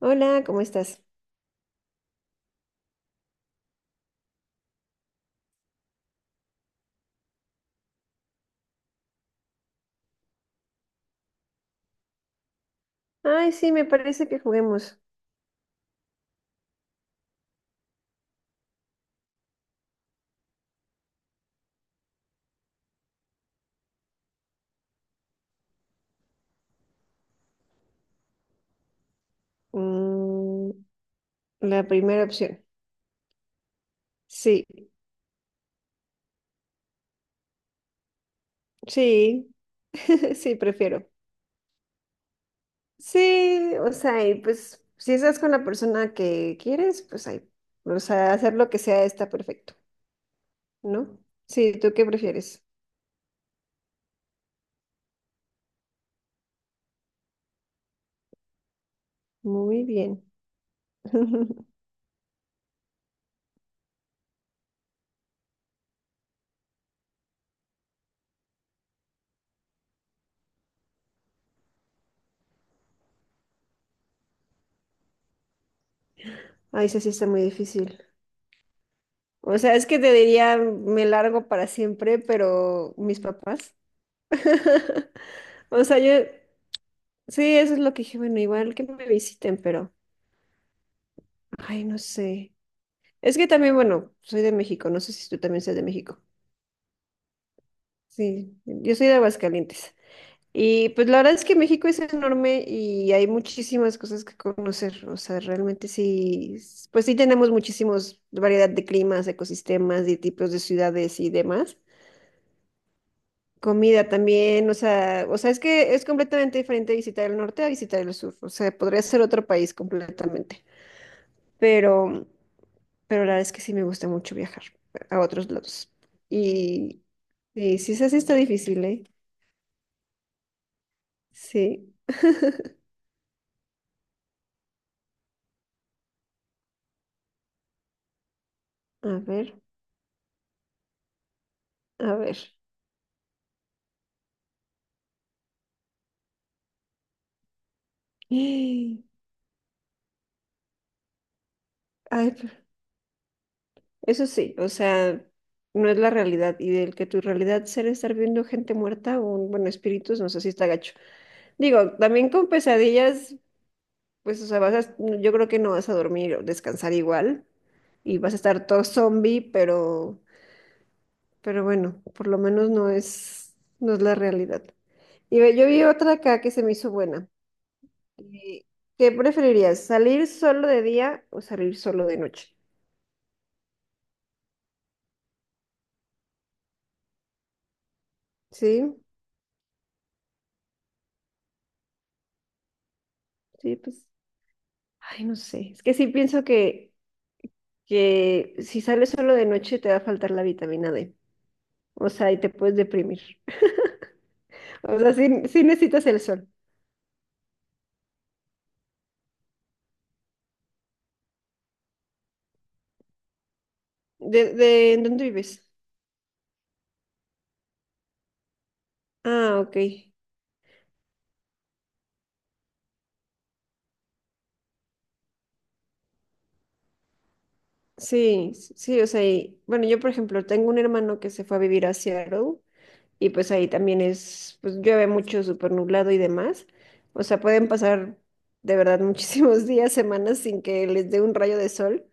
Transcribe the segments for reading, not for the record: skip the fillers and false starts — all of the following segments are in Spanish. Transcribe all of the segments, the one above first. Hola, ¿cómo estás? Ay, sí, me parece que juguemos. Mm, la primera opción. Sí, sí, sí, prefiero. Sí, o sea, y pues si estás con la persona que quieres, pues ahí, o sea, hacer lo que sea está perfecto, ¿no? Sí, ¿tú qué prefieres? Muy bien. Ay, eso sí está muy difícil. O sea, es que te diría, me largo para siempre, pero mis papás. O sea, yo. Sí, eso es lo que dije, bueno, igual que me visiten, pero, ay, no sé. Es que también, bueno, soy de México, no sé si tú también seas de México. Sí, yo soy de Aguascalientes. Y pues la verdad es que México es enorme y hay muchísimas cosas que conocer. O sea, realmente sí, pues sí tenemos muchísimos variedad de climas, ecosistemas y tipos de ciudades y demás. Comida también, o sea, es que es completamente diferente visitar el norte a visitar el sur. O sea, podría ser otro país completamente. Pero pero la verdad es que sí me gusta mucho viajar a otros lados. Y, y sí, sí, sí está difícil, ¿eh? Sí. A ver, a ver. Ay, pero- eso sí, o sea, no es la realidad. Y del que tu realidad sea estar viendo gente muerta o, bueno, espíritus, no sé si está gacho. Digo, también con pesadillas, pues, o sea, yo creo que no vas a dormir o descansar igual. Y vas a estar todo zombie. Pero bueno, por lo menos no es, no es la realidad. Y ve, yo vi otra acá que se me hizo buena. Eh, ¿Qué preferirías? ¿Salir solo de día o salir solo de noche? Sí, sí, pues, ay, no sé. Es que sí pienso que si sales solo de noche te va a faltar la vitamina D. O sea, y te puedes deprimir. O sea, sí, sí necesitas el sol. De ¿en dónde vives? Ah, ok. Sí, sí, o sea, bueno, yo por ejemplo tengo un hermano que se fue a vivir a Seattle. Y pues ahí también es, pues llueve mucho, súper nublado y demás. O sea, pueden pasar de verdad muchísimos días, semanas sin que les dé un rayo de sol.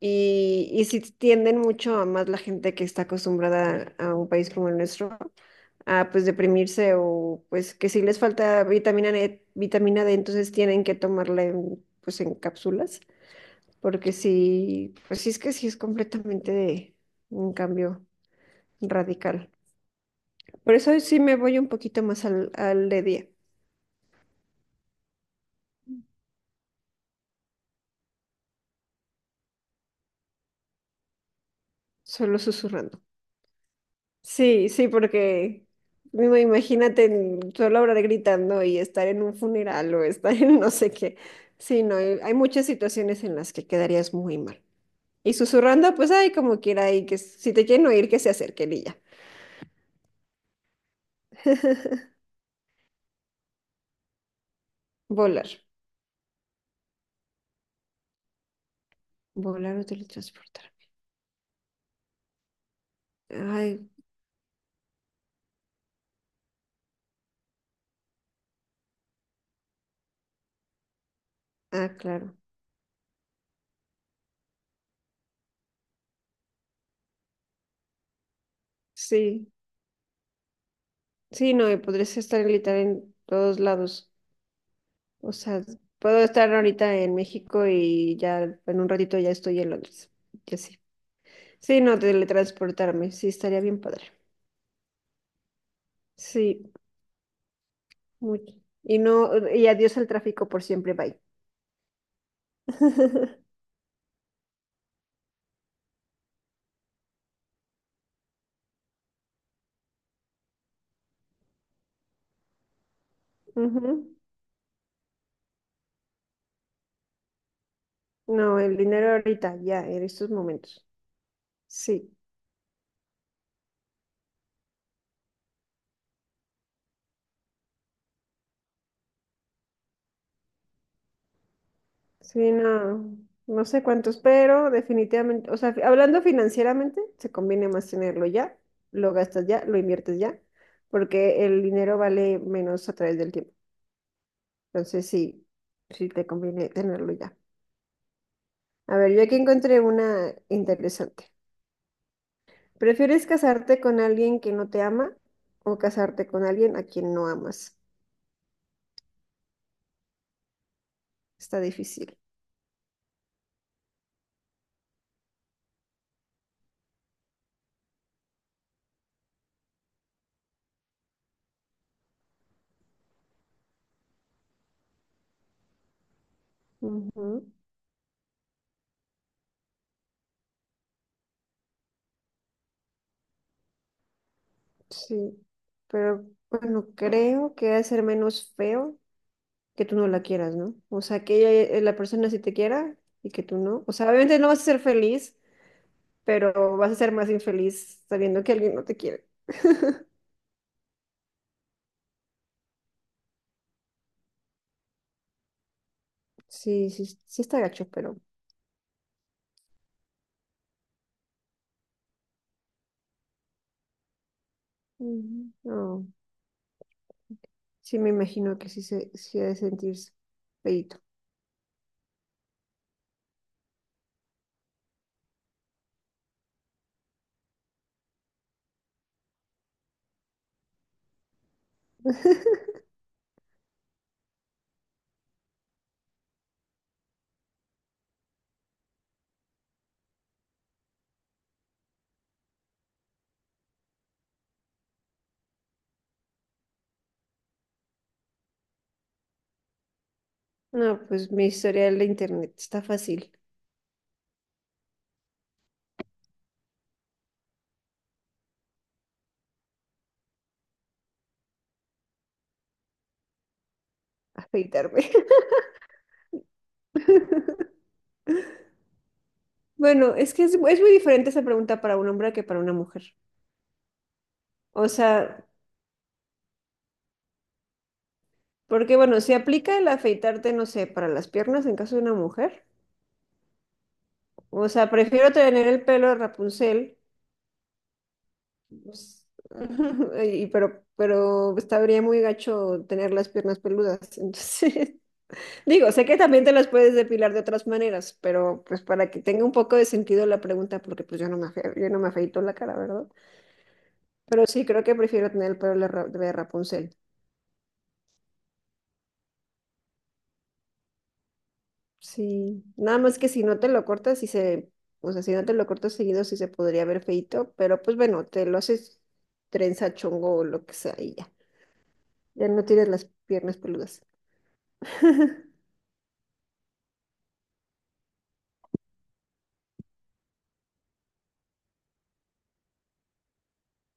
Y si tienden mucho a más la gente que está acostumbrada a un país como el nuestro, a pues deprimirse o pues que si les falta vitamina D, entonces tienen que tomarla en, pues en cápsulas, porque si, pues sí es que sí es completamente un cambio radical. Por eso hoy sí me voy un poquito más al de día, solo susurrando. Sí, sí, porque mismo imagínate solo hablar gritando y estar en un funeral o estar en no sé qué. Sí, no, hay muchas situaciones en las que quedarías muy mal. Y susurrando, pues hay como quiera y que si te quieren oír, que se acerquen y ya. Volar, volar o teletransportar. Ay, ah, claro. Sí, sí, no, y podrías estar gritar en todos lados. O sea, puedo estar ahorita en México y ya en un ratito ya estoy en Londres. Ya sí. Sí, no, teletransportarme. Sí, estaría bien padre. Sí, mucho. Y no, y adiós al tráfico por siempre, bye. Ujú. No, el dinero ahorita, ya, en estos momentos. Sí, sí, no, no sé cuántos, pero definitivamente, o sea, hablando financieramente, se conviene más tenerlo ya, lo gastas ya, lo inviertes ya, porque el dinero vale menos a través del tiempo. Entonces sí, sí te conviene tenerlo ya. A ver, yo aquí encontré una interesante. ¿Prefieres casarte con alguien que no te ama o casarte con alguien a quien no amas? Está difícil. Ujú. Sí, pero bueno, creo que ha de ser menos feo que tú no la quieras, ¿no? O sea, que ella, la persona sí te quiera y que tú no. O sea, obviamente no vas a ser feliz, pero vas a ser más infeliz sabiendo que alguien no te quiere. Sí, sí, sí está gacho, pero. Ujú. No. Sí, me imagino que sí, se, sí ha de sentirse feíto. No, pues mi historial de internet está fácil, afeitarme. Bueno, es que es muy diferente esa pregunta para un hombre que para una mujer. O sea, porque bueno, si aplica el afeitarte, no sé, para las piernas en caso de una mujer. O sea, prefiero tener el pelo de Rapunzel, pues, y, pero estaría muy gacho tener las piernas peludas. Entonces, digo, sé que también te las puedes depilar de otras maneras, pero pues para que tenga un poco de sentido la pregunta, porque pues yo no me, yo no me afeito la cara, ¿verdad? Pero sí, creo que prefiero tener el pelo de de Rapunzel. Sí, nada más que si no te lo cortas, si se, o sea, si no te lo cortas seguido, sí se podría ver feito, pero pues bueno, te lo haces trenza, chongo o lo que sea y ya. Ya no tienes las piernas peludas.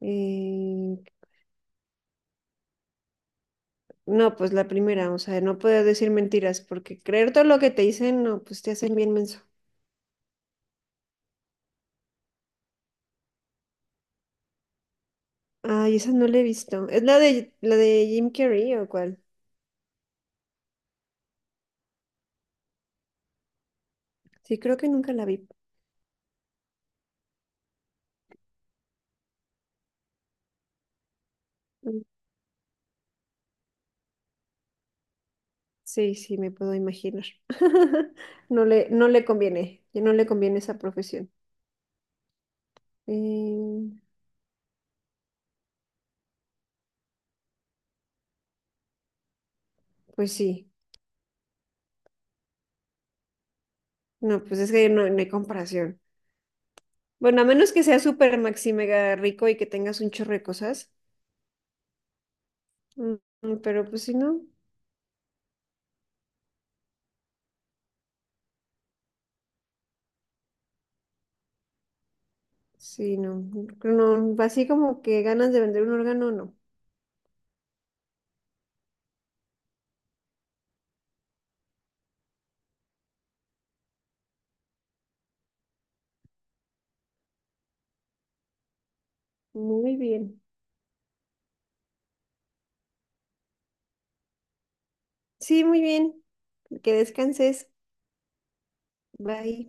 Eh, no, pues la primera, o sea, no puedo decir mentiras, porque creer todo lo que te dicen, no, pues te hacen bien menso. Ay, esa no la he visto. ¿Es la de Jim Carrey o cuál? Sí, creo que nunca la vi. Mm, Sí, sí, me puedo imaginar. No le, no le conviene, ya no le conviene esa profesión. Eh, pues sí, no, pues es que no, no hay comparación. Bueno, a menos que sea súper maxi mega rico y que tengas un chorro de cosas. Mm, Pero pues si no, sí, no creo. No, así como que ganas de vender un órgano, no. Muy bien. Sí, muy bien. Que descanses. Bye.